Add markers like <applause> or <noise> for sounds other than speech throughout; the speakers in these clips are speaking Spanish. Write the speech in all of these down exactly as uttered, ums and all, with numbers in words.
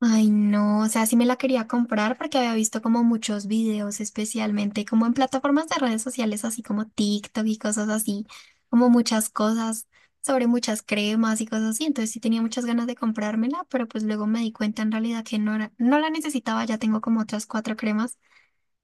Ay, no, o sea, sí me la quería comprar porque había visto como muchos videos, especialmente como en plataformas de redes sociales, así como TikTok y cosas así, como muchas cosas sobre muchas cremas y cosas así. Entonces sí tenía muchas ganas de comprármela, pero pues luego me di cuenta en realidad que no era, no la necesitaba, ya tengo como otras cuatro cremas.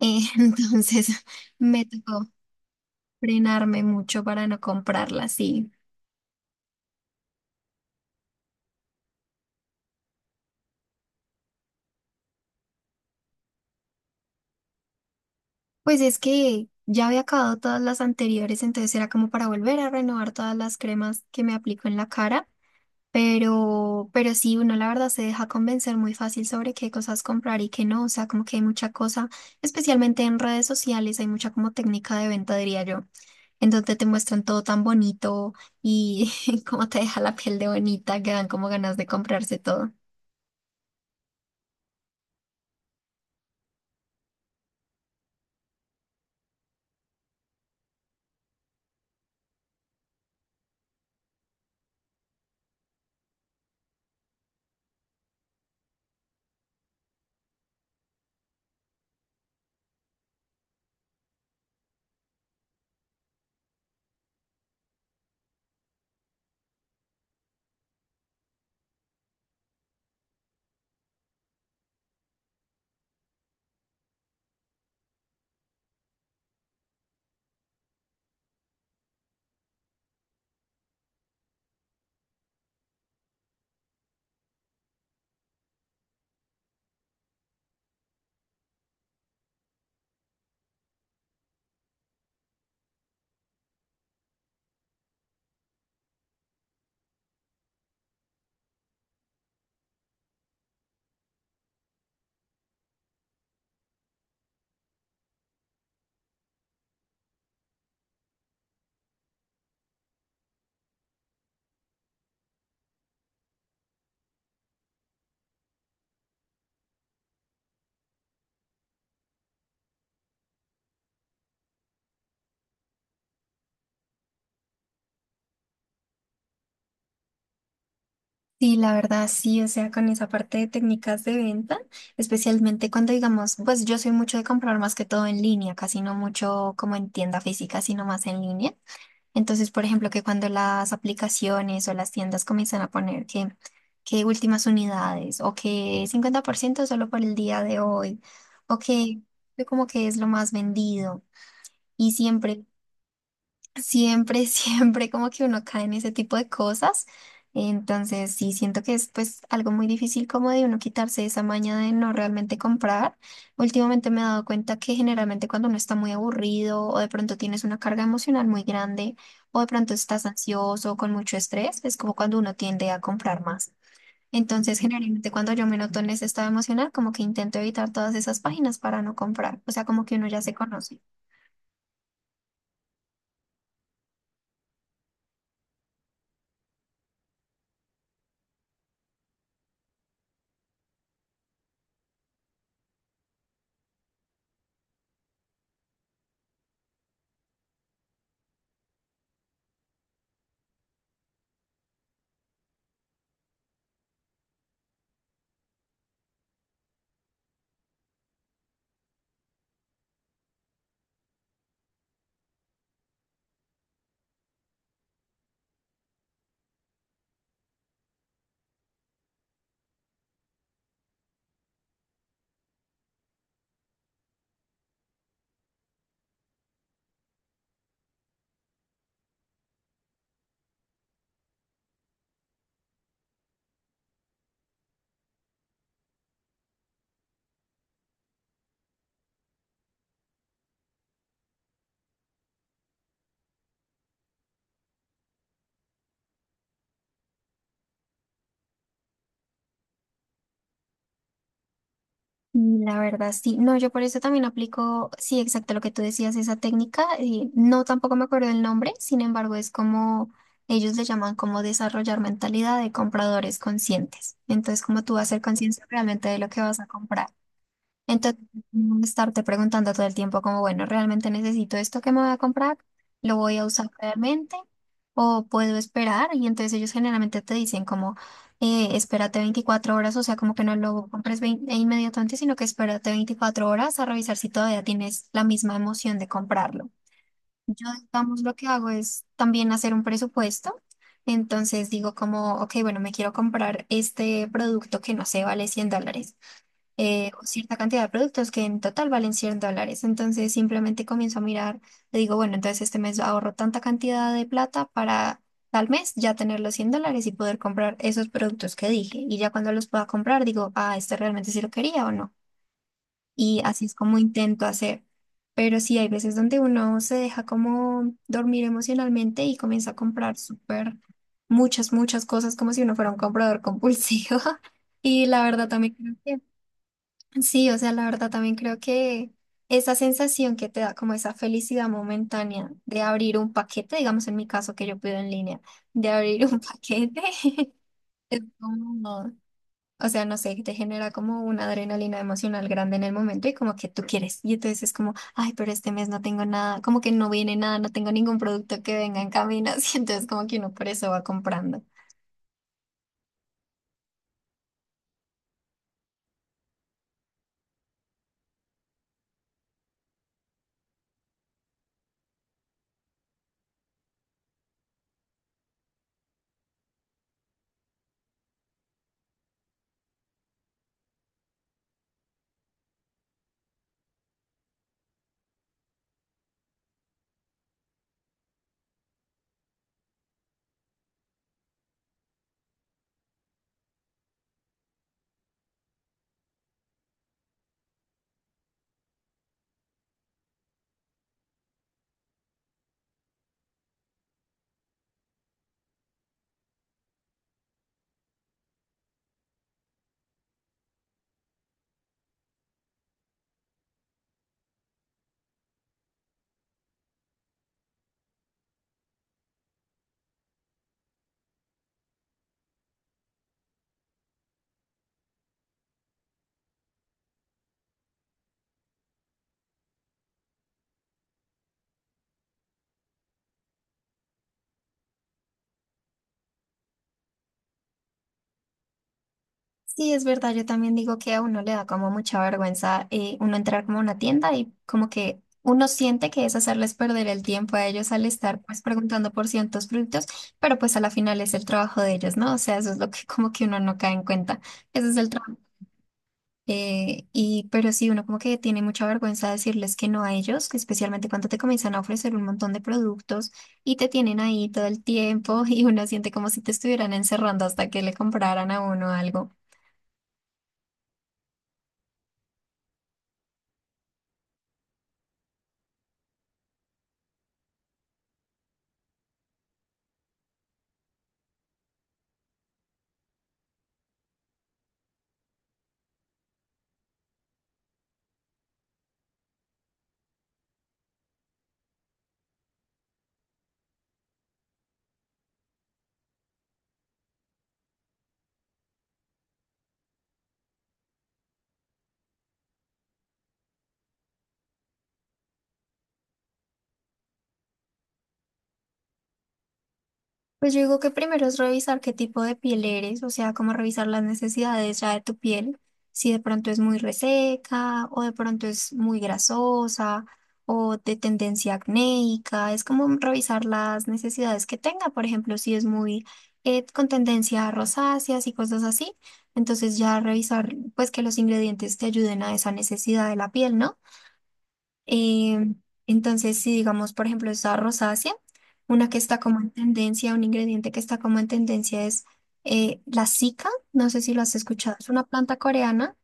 eh, <laughs> Entonces me tocó frenarme mucho para no comprarla, sí. Pues es que ya había acabado todas las anteriores, entonces era como para volver a renovar todas las cremas que me aplico en la cara. Pero, pero sí, uno la verdad se deja convencer muy fácil sobre qué cosas comprar y qué no. O sea, como que hay mucha cosa, especialmente en redes sociales, hay mucha como técnica de venta, diría yo, en donde te muestran todo tan bonito y <laughs> cómo te deja la piel de bonita, que dan como ganas de comprarse todo. Sí, la verdad, sí, o sea, con esa parte de técnicas de venta, especialmente cuando digamos, pues yo soy mucho de comprar más que todo en línea, casi no mucho como en tienda física, sino más en línea. Entonces, por ejemplo, que cuando las aplicaciones o las tiendas comienzan a poner que, que últimas unidades o que cincuenta por ciento solo por el día de hoy o que que como que es lo más vendido y siempre Siempre, <laughs> siempre como que uno cae en ese tipo de cosas. Entonces, sí, siento que es pues algo muy difícil como de uno quitarse esa maña de no realmente comprar. Últimamente me he dado cuenta que generalmente cuando uno está muy aburrido o de pronto tienes una carga emocional muy grande o de pronto estás ansioso o con mucho estrés, es como cuando uno tiende a comprar más. Entonces, generalmente cuando yo me noto en ese estado emocional, como que intento evitar todas esas páginas para no comprar. O sea, como que uno ya se conoce. Mm, la verdad, sí. No, yo por eso también aplico, sí, exacto lo que tú decías, esa técnica. Eh, no, tampoco me acuerdo el nombre, sin embargo, es como ellos le llaman como desarrollar mentalidad de compradores conscientes. Entonces, como tú vas a ser consciente realmente de lo que vas a comprar. Entonces, no estarte preguntando todo el tiempo como, bueno, ¿realmente necesito esto que me voy a comprar? ¿Lo voy a usar realmente? ¿O puedo esperar? Y entonces ellos generalmente te dicen como, eh, espérate veinticuatro horas, o sea, como que no lo compres vein- e inmediatamente, sino que espérate veinticuatro horas a revisar si todavía tienes la misma emoción de comprarlo. Yo, digamos, lo que hago es también hacer un presupuesto. Entonces digo como, ok, bueno, me quiero comprar este producto que no sé, vale cien dólares eh, o cierta cantidad de productos que en total valen cien dólares. Entonces simplemente comienzo a mirar, le digo, bueno, entonces este mes ahorro tanta cantidad de plata para tal mes ya tener los cien dólares y poder comprar esos productos que dije. Y ya cuando los pueda comprar, digo, ah, este realmente sí lo quería o no. Y así es como intento hacer. Pero sí hay veces donde uno se deja como dormir emocionalmente y comienza a comprar súper muchas, muchas cosas como si uno fuera un comprador compulsivo. <laughs> Y la verdad también creo que Sí, o sea, la verdad también creo que esa sensación que te da como esa felicidad momentánea de abrir un paquete, digamos en mi caso que yo pido en línea, de abrir un <laughs> paquete, es como, o sea, no sé, te genera como una adrenalina emocional grande en el momento y como que tú quieres. Y entonces es como, ay, pero este mes no tengo nada, como que no viene nada, no tengo ningún producto que venga en camino, <laughs> así entonces como que uno por eso va comprando. Sí, es verdad, yo también digo que a uno le da como mucha vergüenza eh, uno entrar como a una tienda y como que uno siente que es hacerles perder el tiempo a ellos al estar pues preguntando por ciertos productos, pero pues a la final es el trabajo de ellos, ¿no? O sea, eso es lo que <laughs> como que uno no cae en cuenta, ese es el trabajo. Eh, y pero sí, uno como que tiene mucha vergüenza decirles que no a ellos, que especialmente cuando te comienzan a ofrecer un montón de productos y te tienen ahí todo el tiempo <laughs> y uno siente como si te estuvieran encerrando hasta que le compraran a uno algo. Pues yo digo que primero es revisar qué tipo de piel eres, o sea, como revisar las necesidades ya de tu piel, si de pronto es muy reseca o de pronto es muy grasosa o de tendencia acnéica, es como revisar las necesidades que tenga, por ejemplo, si es muy eh, con tendencia a rosáceas y cosas así, entonces ya revisar pues que los ingredientes te ayuden a esa necesidad de la piel, ¿no? Em, entonces, si digamos, por ejemplo, esa rosácea, una que está como en tendencia, un ingrediente que está como en tendencia es eh, la cica, no sé si lo has escuchado, es una planta coreana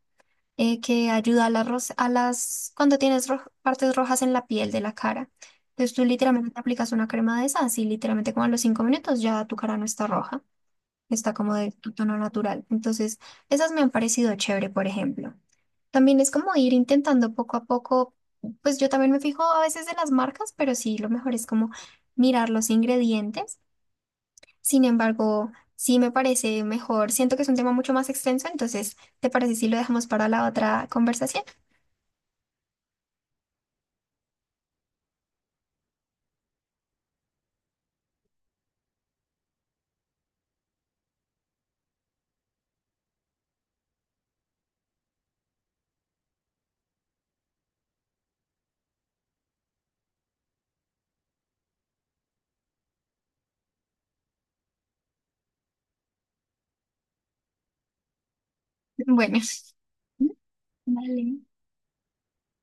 eh, que ayuda a las, ros- a las cuando tienes roj- partes rojas en la piel de la cara. Entonces tú literalmente te aplicas una crema de esas y literalmente como a los cinco minutos ya tu cara no está roja, está como de tu tono natural. Entonces, esas me han parecido chévere, por ejemplo. También es como ir intentando poco a poco, pues yo también me fijo a veces de las marcas, pero sí, lo mejor es como mirar los ingredientes. Sin embargo, sí me parece mejor, siento que es un tema mucho más extenso, entonces, ¿te parece si lo dejamos para la otra conversación? Bueno. <laughs> Vale.